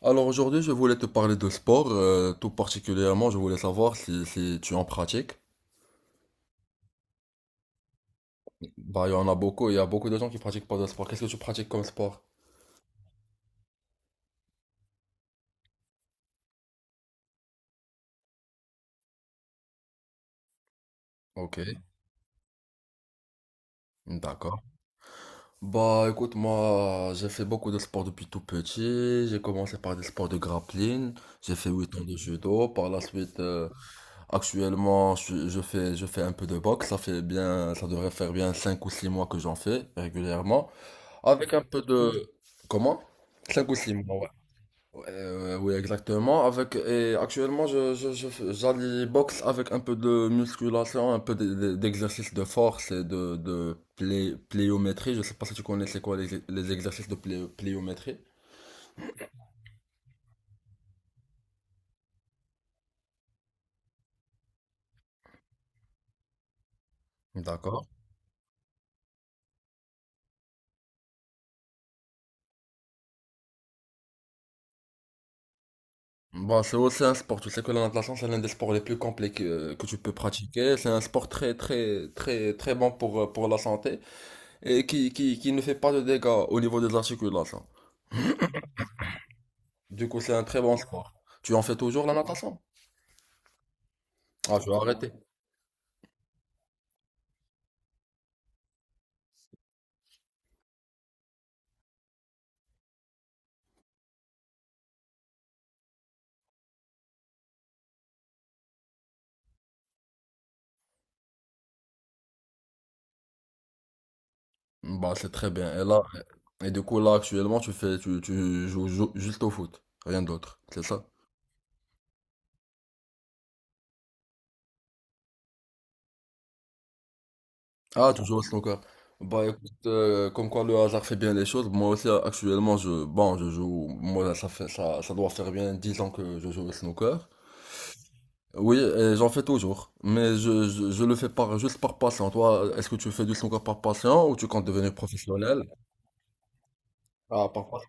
Alors aujourd'hui, je voulais te parler de sport, tout particulièrement, je voulais savoir si tu en pratiques. Bah, il y en a beaucoup, il y a beaucoup de gens qui pratiquent pas de sport. Qu'est-ce que tu pratiques comme sport? Ok, d'accord. Bah, écoute, moi, j'ai fait beaucoup de sport depuis tout petit. J'ai commencé par des sports de grappling. J'ai fait 8 ans de judo. Par la suite, je fais un peu de boxe. Ça devrait faire bien 5 ou 6 mois que j'en fais régulièrement. Avec un peu de... Comment? 5 ou 6 mois. Oui, exactement. Et actuellement, j'allie boxe avec un peu de musculation, un peu d'exercice de force et de pliométrie. Je sais pas si tu connais c'est quoi les exercices de pliométrie. D'accord. Bon, c'est aussi un sport. Tu sais que la natation, c'est l'un des sports les plus complets que tu peux pratiquer. C'est un sport très bon pour la santé et qui ne fait pas de dégâts au niveau des articulations. Du coup, c'est un très bon sport. Tu en fais toujours la natation? Ah, tu as arrêté. Bah, c'est très bien. Et du coup, là, actuellement, tu joues, juste au foot, rien d'autre, c'est ça? Ah, tu joues au snooker. Bah, écoute, comme quoi le hasard fait bien les choses. Moi aussi, actuellement, je, bon, je joue, moi, ça doit faire bien 10 ans que je joue au snooker. Oui, et j'en fais toujours, mais je le fais par, juste par passion. Toi, est-ce que tu fais du snooker par passion ou tu comptes devenir professionnel? Ah, par passion.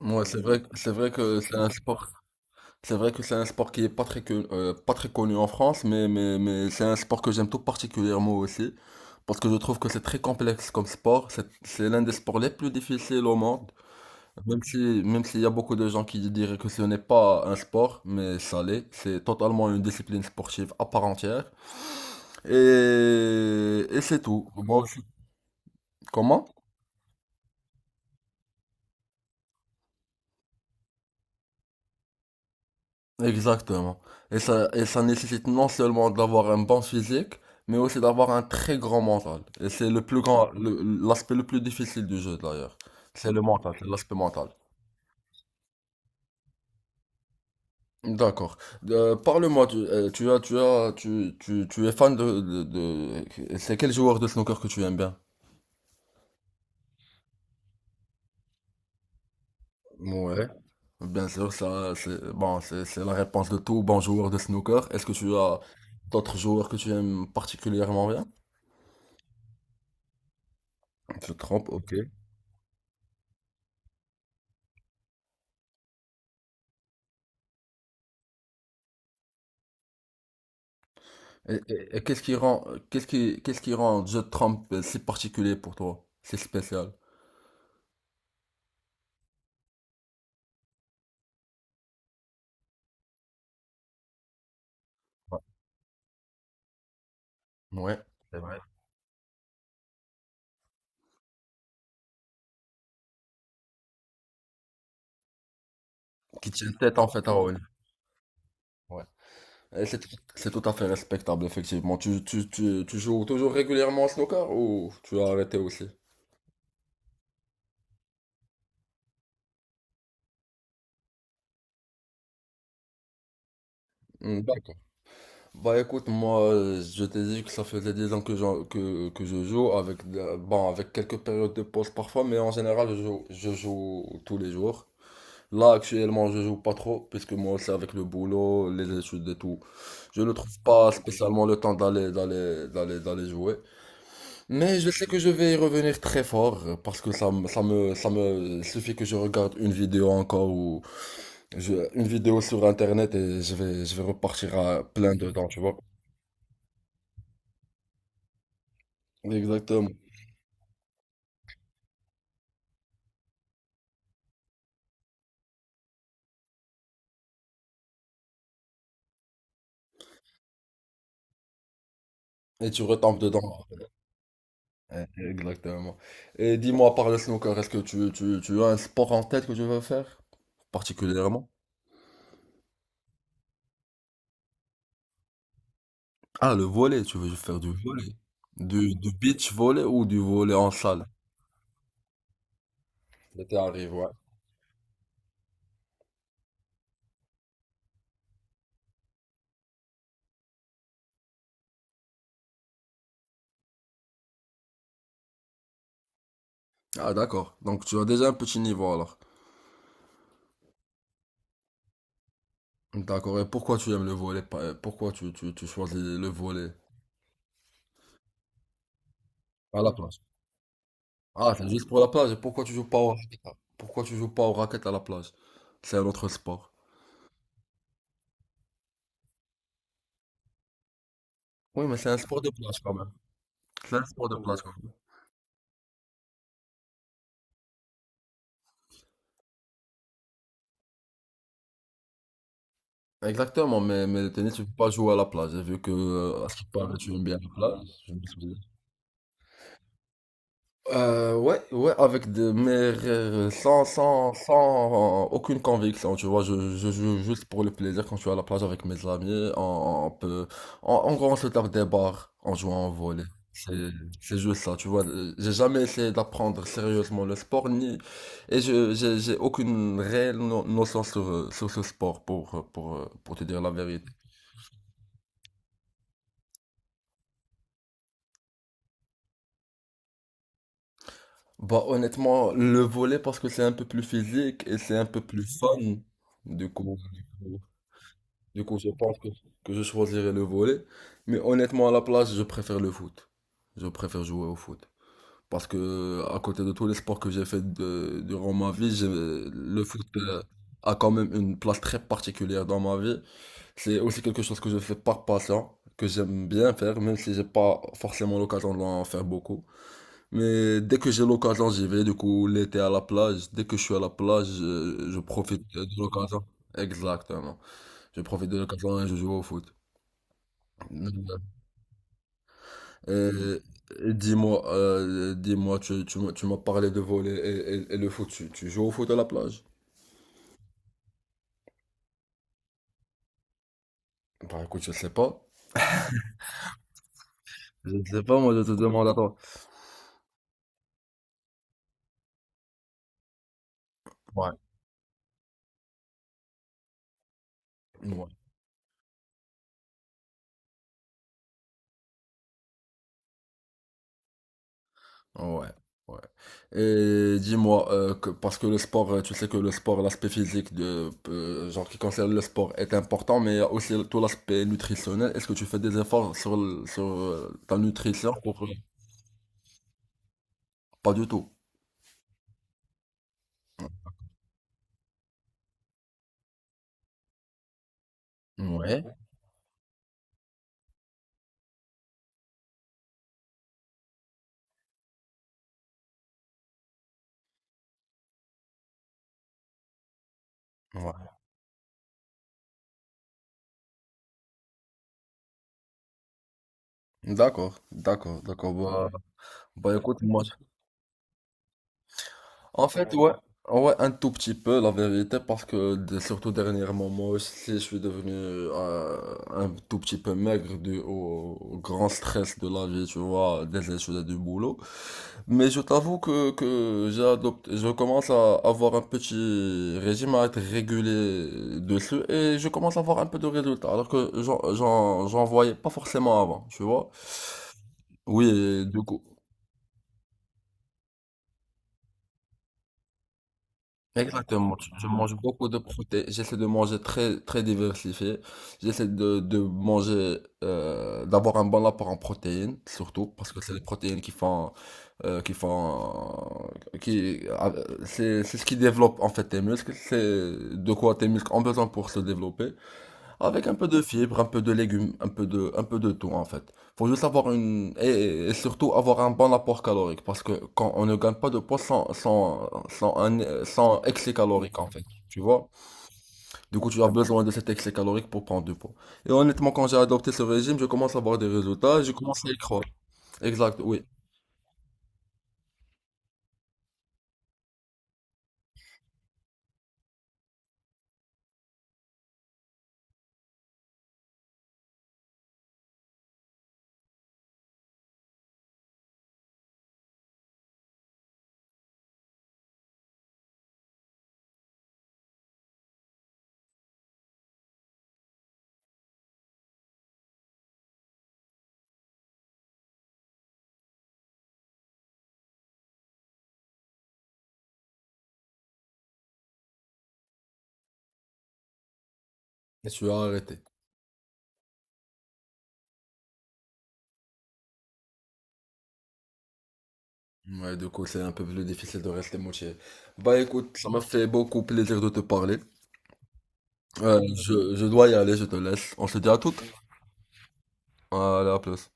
Ouais, c'est vrai que c'est un sport. C'est vrai que c'est un sport qui est pas très, pas très connu en France, mais c'est un sport que j'aime tout particulièrement aussi, parce que je trouve que c'est très complexe comme sport, c'est l'un des sports les plus difficiles au monde, même si, même s'il y a beaucoup de gens qui diraient que ce n'est pas un sport, mais ça l'est, c'est totalement une discipline sportive à part entière, et c'est tout. Moi aussi. Comment? Exactement. Et ça nécessite non seulement d'avoir un bon physique, mais aussi d'avoir un très grand mental. Et c'est le plus grand, le- l'aspect le plus difficile du jeu d'ailleurs. C'est le mental, c'est l'aspect mental. D'accord. Parle-moi, tu, tu as, tu as, tu es fan de, de c'est quel joueur de snooker que tu aimes bien? Ouais. Bien sûr, ça, c'est la réponse de tout bon joueur de snooker. Est-ce que tu as d'autres joueurs que tu aimes particulièrement bien? Tu te trompes, ok. Et qu'est-ce qui rend, qu'est-ce qui rend Joe Trump si particulier pour toi? C'est spécial. Ouais. Ouais, c'est vrai. Qui tient tête en fait à Owen. Ouais. Et c'est tout à fait respectable, effectivement. Tu joues toujours régulièrement au snooker ou tu as arrêté aussi? Hmm, d'accord. Bah écoute, moi je t'ai dit que ça faisait 10 ans que, que je joue avec, bon, avec quelques périodes de pause parfois, mais en général je joue tous les jours. Là, actuellement, je joue pas trop, puisque moi aussi, avec le boulot, les études et tout, je ne trouve pas spécialement le temps d'aller jouer. Mais je sais que je vais y revenir très fort, parce que ça me, il suffit que je regarde une vidéo encore ou une vidéo sur Internet et je vais repartir à plein dedans, tu vois. Exactement. Et tu retombes dedans. Ouais, exactement. Et dis-moi, par le snooker, est-ce que tu as un sport en tête que tu veux faire, particulièrement? Ah, le volley, tu veux faire du volley. Du beach volley ou du volley en salle? L'été arrive, ouais. Ah, d'accord. Donc, tu as déjà un petit niveau alors. D'accord. Et pourquoi tu aimes le volley? Pourquoi tu choisis le volley à la plage? Ah, c'est juste pour la plage. Et pourquoi tu joues pas au raquette? Pourquoi tu joues pas au raquette à la plage? C'est un autre sport. Oui, mais c'est un sport de plage quand même. C'est un sport de plage quand même. Exactement, mais le tennis, tu peux pas jouer à la plage. J'ai vu que, à ce qui paraît, tu aimes bien la plage. Ouais, avec des, mais sans aucune conviction, tu vois, je joue juste pour le plaisir quand je suis à la plage avec mes amis, on peut, en gros, on se tape des barres en jouant au volley. C'est, c'est juste ça, tu vois, j'ai jamais essayé d'apprendre sérieusement le sport, ni, et j'ai aucune réelle notion sur, sur ce sport pour, pour te dire la vérité. Bah, honnêtement, le volley parce que c'est un peu plus physique et c'est un peu plus fun, du coup. Du coup, je pense que je choisirais le volley. Mais honnêtement, à la place, je préfère le foot. Je préfère jouer au foot. Parce que, à côté de tous les sports que durant ma vie, le foot a quand même une place très particulière dans ma vie. C'est aussi quelque chose que je fais par passion, que j'aime bien faire, même si j'ai pas forcément l'occasion d'en faire beaucoup. Mais dès que j'ai l'occasion, j'y vais. Du coup, l'été à la plage, dès que je suis à la plage, je profite de l'occasion. Exactement. Je profite de l'occasion et je joue au foot. Euh, euh, Dis-moi, tu m'as parlé de voler et, et le foot. Tu joues au foot à la plage? Bah écoute, je sais pas. Je sais pas, moi je te demande à toi. Ouais, ouais, ouais. Ouais. Et dis-moi, parce que le sport, tu sais que le sport, l'aspect physique de, genre qui concerne le sport est important, mais il y a aussi tout l'aspect nutritionnel. Est-ce que tu fais des efforts sur, sur ta nutrition? Pas du tout. Ouais. Ouais. D'accord, d'accord, d'accord. Bah, bah écoute, moi, en fait, ouais, ouais, un tout petit peu, la vérité, parce que surtout dernièrement, moi aussi, je suis devenu un tout petit peu maigre dû au grand stress de la vie, tu vois, des études et du boulot. Mais je t'avoue que j'ai adopté, je commence à avoir un petit régime à être régulier dessus et je commence à avoir un peu de résultats, alors que j'en voyais pas forcément avant, tu vois. Oui, et du coup. Exactement, je mange beaucoup de protéines, j'essaie de manger très très diversifié, j'essaie de manger, d'avoir un bon apport en protéines, surtout, parce que c'est les protéines qui font, euh, qui font, c'est ce qui développe en fait tes muscles, c'est de quoi tes muscles ont besoin pour se développer. Avec un peu de fibres, un peu de légumes, un peu un peu de tout en fait. Faut juste avoir une et surtout avoir un bon apport calorique parce que quand on ne gagne pas de poids sans excès calorique en fait, tu vois. Du coup, tu as besoin de cet excès calorique pour prendre du poids. Et honnêtement, quand j'ai adopté ce régime, je commence à voir des résultats, je commence à y croire. Exact, oui. Et tu as arrêté. Ouais, du coup, c'est un peu plus difficile de rester motivé. Bah écoute, ça m'a fait beaucoup plaisir de te parler. Je dois y aller, je te laisse. On se dit à toutes. Hadi à plus.